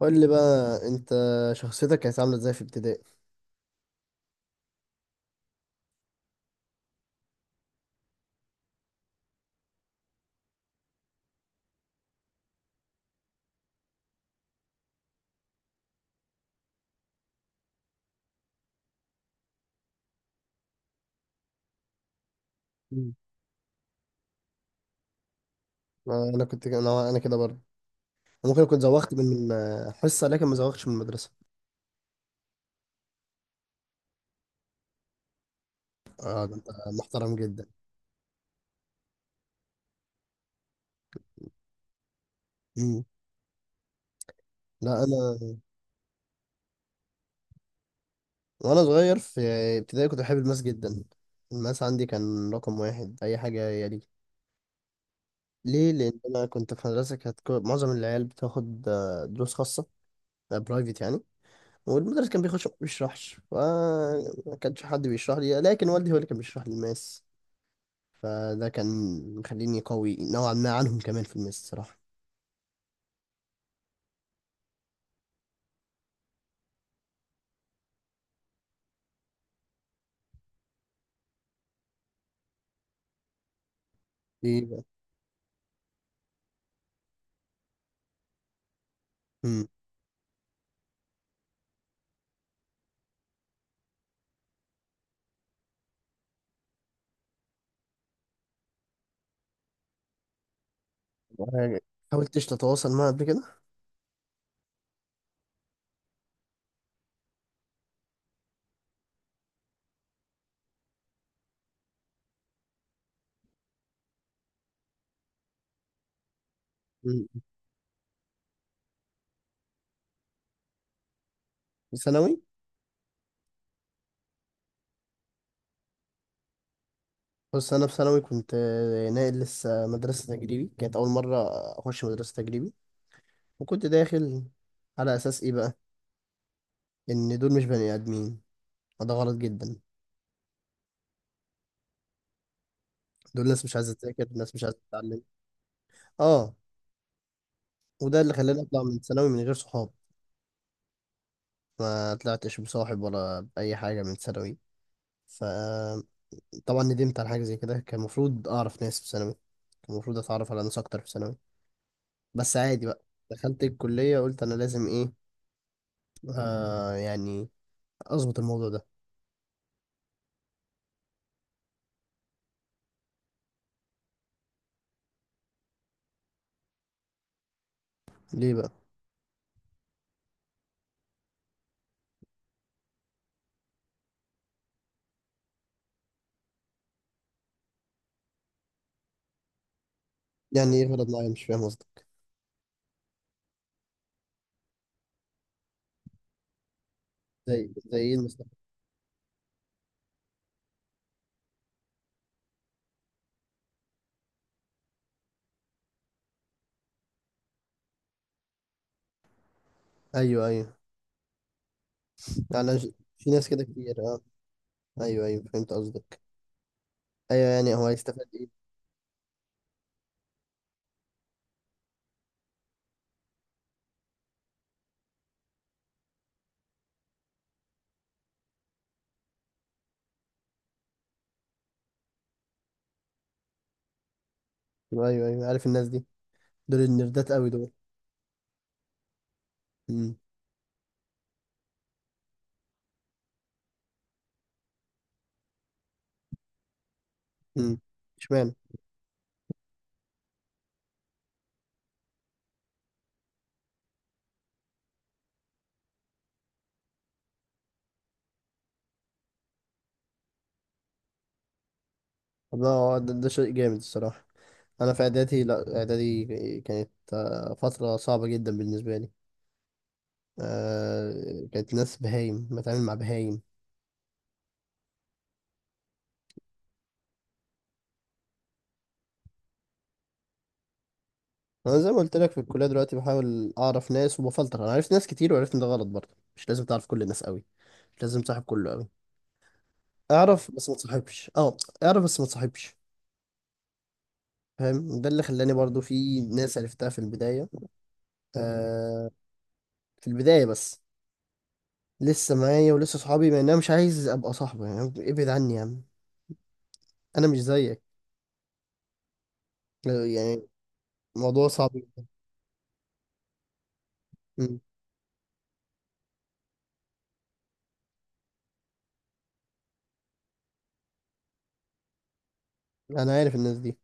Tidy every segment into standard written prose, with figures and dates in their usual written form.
قول لي بقى انت، شخصيتك كانت عامله ازاي في ابتدائي؟ مم. آه، انا كنت انا كده برضه. ممكن اكون زوغت من حصه، لكن ما زوغتش من المدرسه. اه ده انت محترم جدا. مم. لا انا. وانا صغير في ابتدائي كنت بحب الماس جدا. الماس عندي كان رقم واحد اي حاجه يلي. ليه؟ لان انا كنت في مدرسه كانت معظم العيال بتاخد دروس خاصه، برايفت يعني. والمدرس كان بيخش، ما بيشرحش، فما كانش حد بيشرح لي، لكن والدي هو اللي كان بيشرح لي الماس. فده كان مخليني قوي نوعا ما عنهم كمان في الماس الصراحة. ايه بقى؟ مم. حاولتش تتواصل معاه قبل كده؟ مم. في ثانوي. بص انا في ثانوي كنت ناقل لسه، مدرسة تجريبي كانت اول مرة اخش مدرسة تجريبي. وكنت داخل على اساس ايه بقى؟ ان دول مش بني ادمين، وده غلط جدا. دول ناس مش عايزة تذاكر، ناس مش عايزة تتعلم. اه. وده اللي خلاني اطلع من ثانوي من غير صحاب. ما طلعتش بصاحب ولا بأي حاجة من ثانوي. ف طبعا ندمت على حاجة زي كده. كان المفروض أعرف ناس في ثانوي، كان المفروض أتعرف على ناس أكتر في ثانوي، بس عادي بقى. دخلت الكلية قلت أنا لازم إيه، يعني أظبط الموضوع ده. ليه بقى؟ يعني إيه غلط معايا؟ مش فاهم قصدك. زي إيه المصلحة؟ أيوه أيوه، يعني أنا في ناس كده كتير أه. أيوه أيوه، فهمت قصدك. أيوه، يعني هو هيستفاد إيه؟ أيوه أيوه، عارف الناس دي، دول النردات أوي دول. أمم. أمم، اشمعنى؟ طب ده شيء جامد الصراحة. انا في اعدادي، لا اعدادي كانت فتره صعبه جدا بالنسبه لي. كانت ناس بهايم بتعامل مع بهايم. انا زي ما قلت لك في الكليه دلوقتي بحاول اعرف ناس وبفلتر. انا عرفت ناس كتير وعرفت ان ده غلط برضه. مش لازم تعرف كل الناس قوي، مش لازم تصاحب كله قوي. اعرف بس ما تصاحبش. اه، اعرف بس ما تصاحبش. فاهم، ده اللي خلاني برضه في ناس عرفتها في البدايه، آه، في البدايه بس، لسه معايا ولسه صحابي، مع ان انا مش عايز ابقى صاحبه. يعني إيه، ابعد عني يا عم، انا مش زيك. يعني موضوع صعب. مم. انا عارف الناس دي.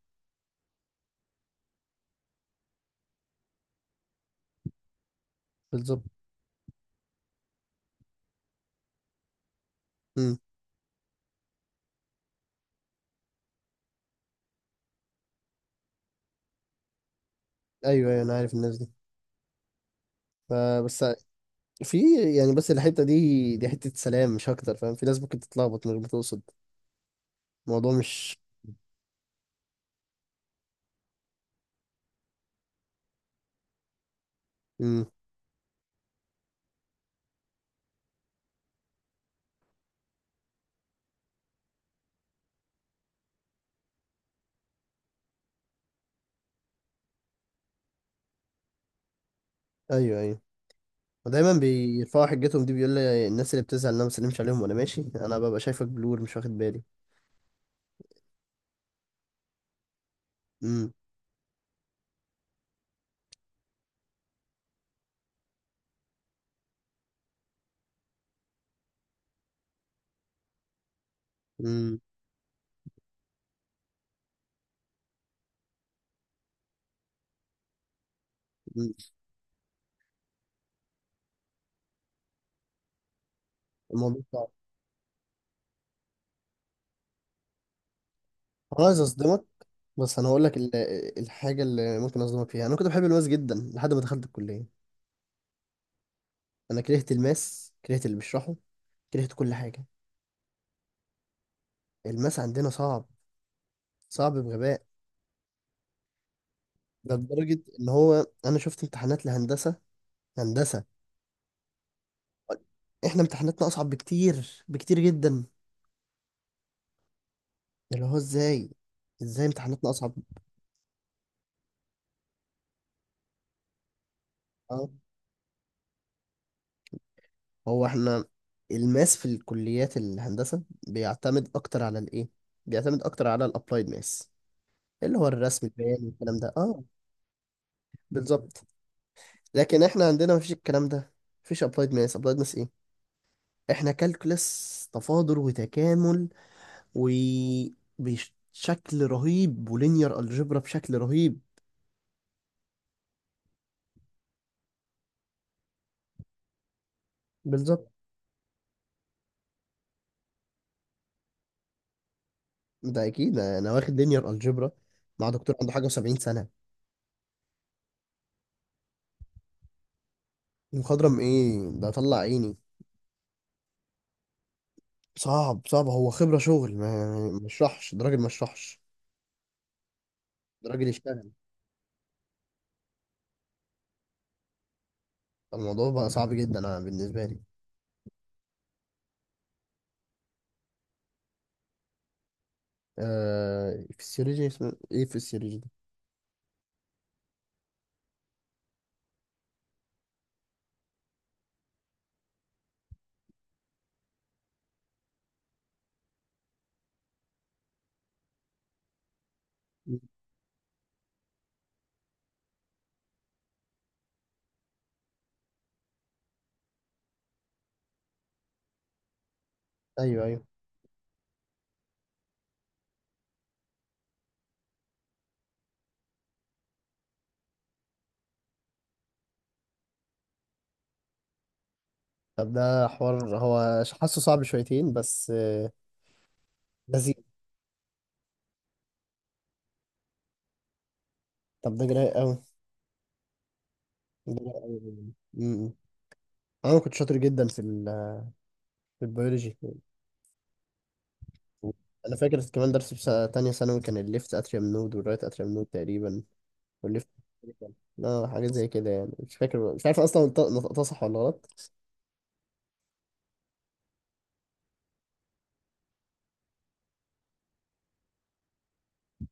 بالظبط. مم. ايوه ايوه، انا عارف الناس دي. فبس في، يعني بس الحته دي دي حته سلام مش اكتر. فاهم، في ناس ممكن تتلخبط من غير ما تقصد. الموضوع مش. مم. ايوه ايوه، ودايما بيرفعوا حجتهم دي. بيقول لي الناس اللي بتزعل ان انا ما بسلمش عليهم، وانا ماشي انا ببقى شايفك بلور مش واخد بالي. مم. مم. مم. الموضوع صعب. انا عايز اصدمك، بس انا هقول لك الحاجه اللي ممكن اصدمك فيها، انا كنت بحب الماس جدا لحد ما دخلت الكليه. انا كرهت الماس، كرهت اللي بيشرحه، كرهت كل حاجه. الماس عندنا صعب، صعب بغباء. ده لدرجة إن هو أنا شفت امتحانات لهندسة، هندسة، إحنا امتحاناتنا أصعب بكتير، بكتير جدا. اللي هو إزاي، إزاي امتحاناتنا أصعب؟ أه. هو إحنا الماس في الكليات الهندسة بيعتمد أكتر على الإيه، بيعتمد أكتر على الأبلايد ماس، اللي هو الرسم البياني والكلام ده أه. بالظبط. لكن إحنا عندنا مفيش الكلام ده، مفيش أبلايد ماس. أبلايد ماس إيه، إحنا كالكولس، تفاضل وتكامل وبشكل رهيب، ولينير الجبرا بشكل رهيب. بالظبط. ده اكيد انا واخد لينير الجبرا مع دكتور عنده حاجه و70 سنه. مخضرم ايه؟ ده طلع عيني. صعب صعب. هو خبره شغل، ما يشرحش، ده راجل ما يشرحش، ده راجل يشتغل. الموضوع بقى صعب جدا انا بالنسبه لي. آه فيسيولوجي، اسمه ايه فيسيولوجي ده؟ مم. ايوه ايوه. طب ده حوار، هو حاسه صعب شويتين بس آه، لذيذ. طب ده جراء قوي، جراء قوي. انا كنت شاطر جدا في في البيولوجي. انا فاكر كمان درس في تانية ثانوي، كان الليفت اتريم نود والرايت اتريم نود تقريبا، والليفت. اه حاجات زي كده يعني، مش فاكر، مش عارف اصلا نطقتها صح ولا غلط.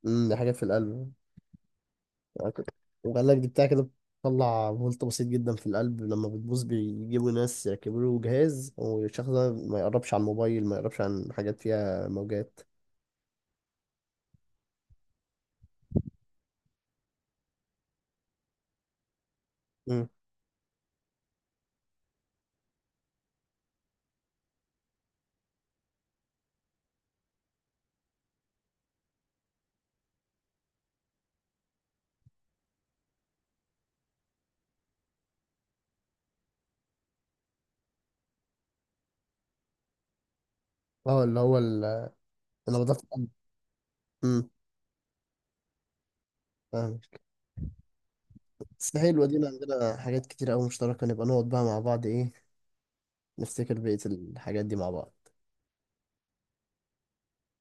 امم، دي حاجات في القلب. أنا كنت- وقال لك دي بتاع كده، بتطلع فولت بسيط جدا في القلب، لما بتبوظ بيجيبوا ناس يركبوا له جهاز، والشخص ده ما يقربش عن موبايل، ما يقربش عن حاجات فيها موجات. امم. اه اللي هو انا بضغط. امم. بس حلوة دي، عندنا حاجات كتير أوي مشتركة، نبقى نقعد بقى مع بعض إيه، نفتكر بقية الحاجات دي مع بعض.